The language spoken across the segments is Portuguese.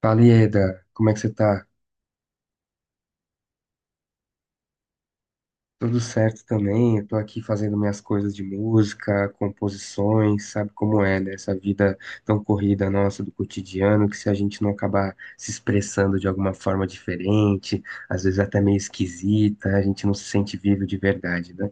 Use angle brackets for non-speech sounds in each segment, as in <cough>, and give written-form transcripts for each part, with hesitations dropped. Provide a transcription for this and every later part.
Fala, Ieda, como é que você tá? Tudo certo também, eu tô aqui fazendo minhas coisas de música, composições, sabe como é, né? Essa vida tão corrida nossa do cotidiano, que se a gente não acabar se expressando de alguma forma diferente, às vezes até meio esquisita, a gente não se sente vivo de verdade, né?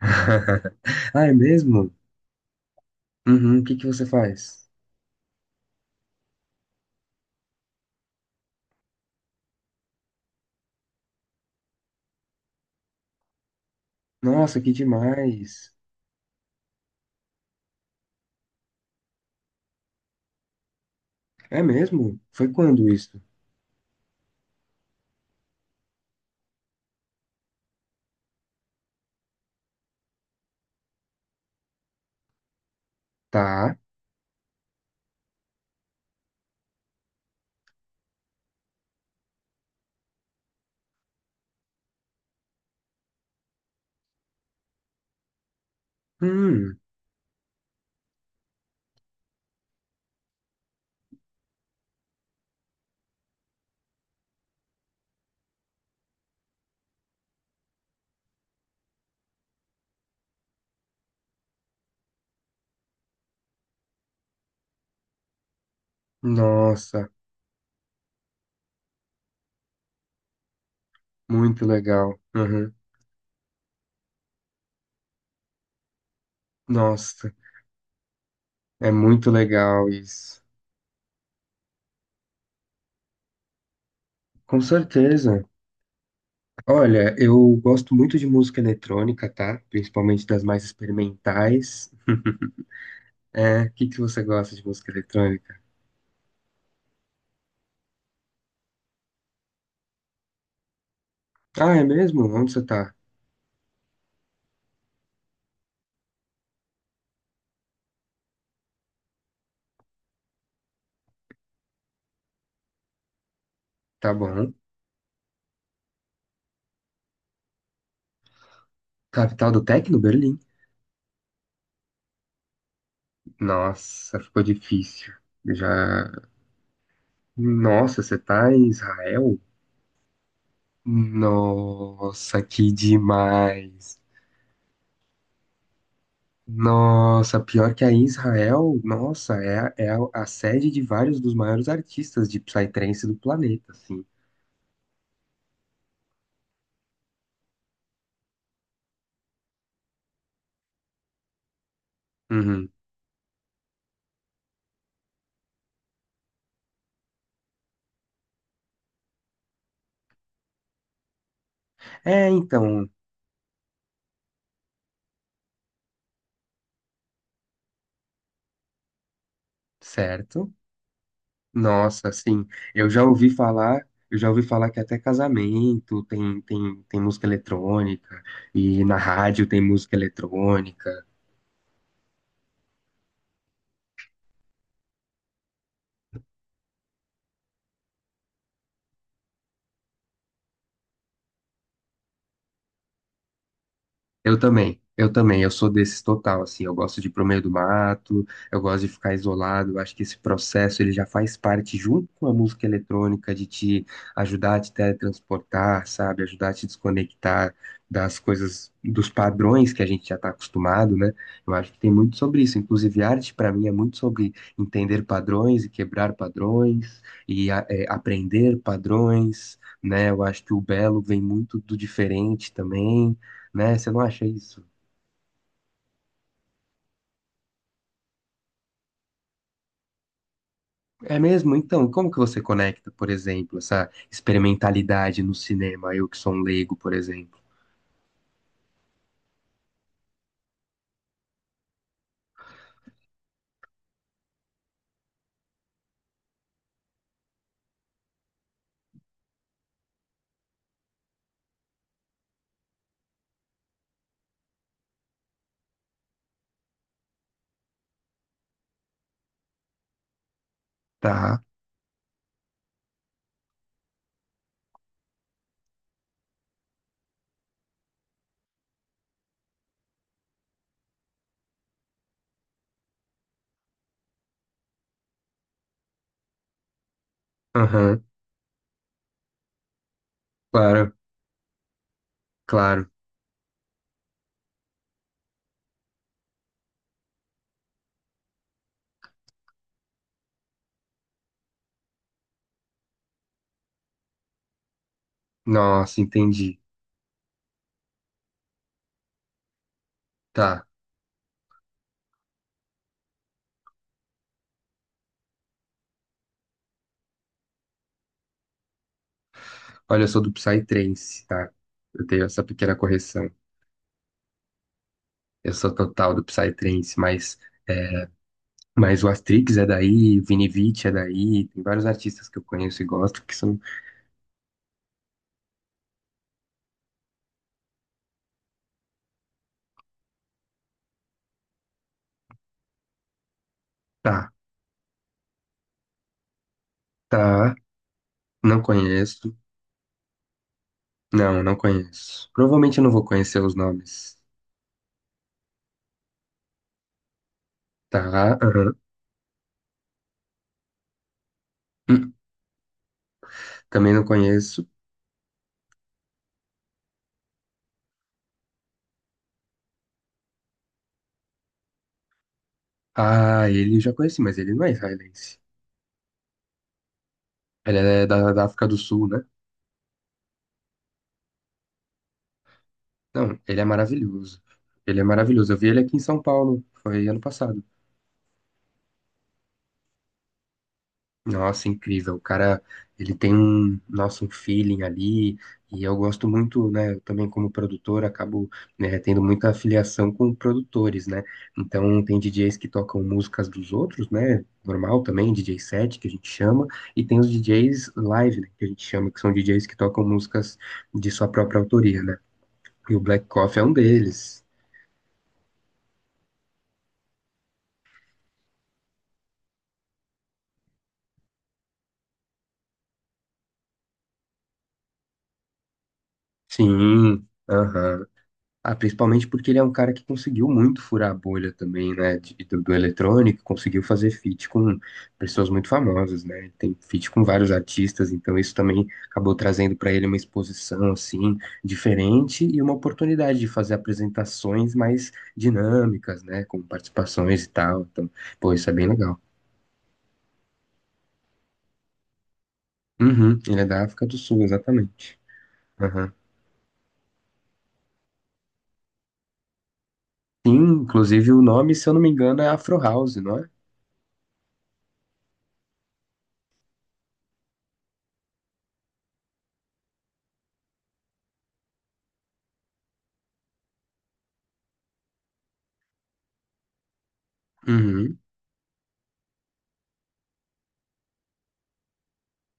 <laughs> Ah, é mesmo? Uhum, o que que você faz? Nossa, que demais! É mesmo? Foi quando isso? Tá. Hum, nossa, muito legal. Uhum. Nossa, é muito legal isso. Com certeza. Olha, eu gosto muito de música eletrônica, tá? Principalmente das mais experimentais. É, o que que você gosta de música eletrônica? Ah, é mesmo? Onde você tá? Tá bom. Capital do Tecno, Berlim. Nossa, ficou difícil. Já. Nossa, você tá em Israel? Nossa, que demais. Nossa, pior que a Israel, nossa, é a sede de vários dos maiores artistas de psytrance do planeta, assim. Uhum. É, então, certo. Nossa, assim, eu já ouvi falar, eu já ouvi falar que até casamento tem, tem música eletrônica, e na rádio tem música eletrônica. Eu também, eu também, eu sou desses total, assim, eu gosto de ir pro meio do mato, eu gosto de ficar isolado, eu acho que esse processo ele já faz parte junto com a música eletrônica de te ajudar a te teletransportar, sabe, ajudar a te desconectar das coisas, dos padrões que a gente já tá acostumado, né? Eu acho que tem muito sobre isso, inclusive arte para mim é muito sobre entender padrões e quebrar padrões aprender padrões, né? Eu acho que o belo vem muito do diferente também, né? Você não acha isso? É mesmo? Então, como que você conecta, por exemplo, essa experimentalidade no cinema? Eu que sou um leigo, por exemplo. Tá. Aham. Claro, claro. Nossa, entendi. Tá. Olha, eu sou do Psytrance, tá? Eu tenho essa pequena correção. Eu sou total do Psytrance, mas o Astrix é daí, o Vini Vici é daí, tem vários artistas que eu conheço e gosto que são. Tá, tá. Não conheço. Não, não conheço. Provavelmente eu não vou conhecer os nomes. Tá, aham. Hum, também não conheço. Ah, ele eu já conheci, mas ele não é israelense. Ele é da, da África do Sul, né? Não, ele é maravilhoso. Ele é maravilhoso. Eu vi ele aqui em São Paulo, foi ano passado. Nossa, incrível. O cara, ele tem um, nossa, um feeling ali, e eu gosto muito, né? Eu também, como produtor, acabo, né, tendo muita afiliação com produtores, né? Então, tem DJs que tocam músicas dos outros, né? Normal também, DJ set, que a gente chama, e tem os DJs live, né, que a gente chama, que são DJs que tocam músicas de sua própria autoria, né? E o Black Coffee é um deles. Sim, aham. Ah, principalmente porque ele é um cara que conseguiu muito furar a bolha também, né? Do, do eletrônico, conseguiu fazer feat com pessoas muito famosas, né? Ele tem feat com vários artistas, então isso também acabou trazendo para ele uma exposição, assim, diferente e uma oportunidade de fazer apresentações mais dinâmicas, né? Com participações e tal. Então, pô, isso é bem legal. Uhum, ele é da África do Sul, exatamente. Aham. Sim, inclusive o nome, se eu não me engano, é Afro House, não é? Uhum.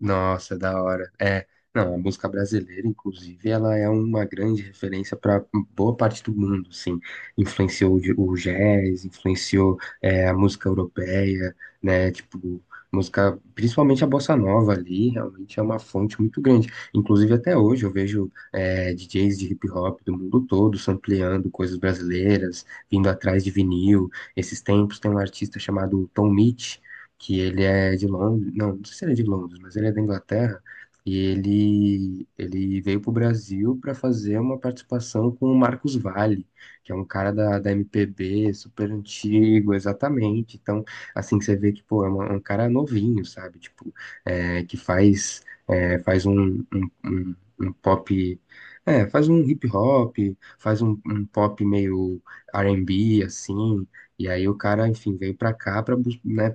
Nossa, da hora. É, não, a música brasileira, inclusive, ela é uma grande referência para boa parte do mundo, assim. Influenciou o jazz, influenciou é, a música europeia, né? Tipo, música, principalmente a bossa nova ali, realmente é uma fonte muito grande. Inclusive, até hoje eu vejo é, DJs de hip hop do mundo todo sampleando coisas brasileiras, vindo atrás de vinil. Esses tempos tem um artista chamado Tom Mitch que ele é de Londres, não, não sei se ele é de Londres, mas ele é da Inglaterra, e ele veio para o Brasil para fazer uma participação com o Marcos Valle, que é um cara da, da MPB super antigo, exatamente. Então, assim, você vê que, pô, é um cara novinho, sabe? Tipo, é, que faz, é, faz um, um, um- um pop. É, faz um hip hop, faz um, um pop meio R&B, assim, e aí o cara, enfim, veio pra cá pra, né,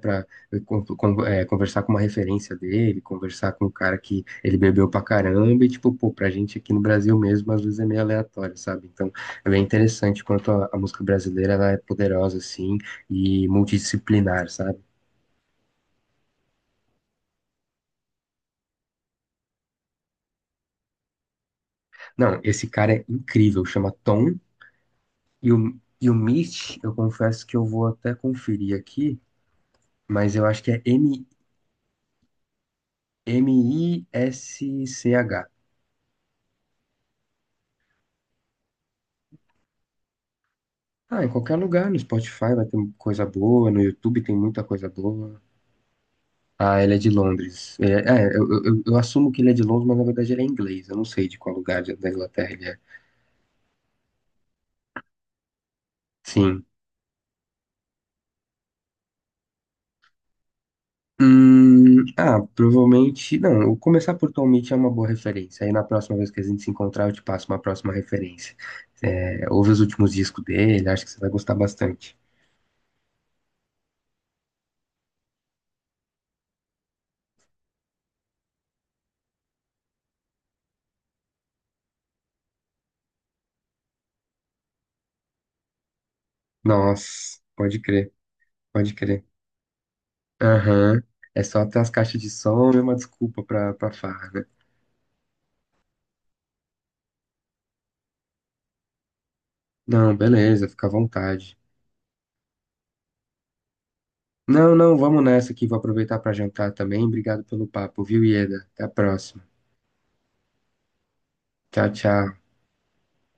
conversar com uma referência dele, conversar com um cara que ele bebeu pra caramba, e tipo, pô, pra gente aqui no Brasil mesmo, às vezes é meio aleatório, sabe? Então, é bem interessante quanto a música brasileira, ela é poderosa, assim, e multidisciplinar, sabe? Não, esse cara é incrível, chama Tom, e o Mitch, eu confesso que eu vou até conferir aqui, mas eu acho que é M, MISCH. Ah, em qualquer lugar, no Spotify vai ter coisa boa, no YouTube tem muita coisa boa. Ah, ele é de Londres. É, é, eu assumo que ele é de Londres, mas na verdade ele é inglês. Eu não sei de qual lugar da Inglaterra ele é. Sim. Ah, provavelmente. Não, eu começar por Tom Mitchell é uma boa referência. Aí na próxima vez que a gente se encontrar, eu te passo uma próxima referência. É, ouve os últimos discos dele, acho que você vai gostar bastante. Nossa, pode crer, pode crer. Aham. É só ter as caixas de som e uma desculpa pra, pra farra, né? Não, beleza, fica à vontade. Não, não, vamos nessa que vou aproveitar para jantar também. Obrigado pelo papo, viu, Ieda? Até a próxima. Tchau, tchau.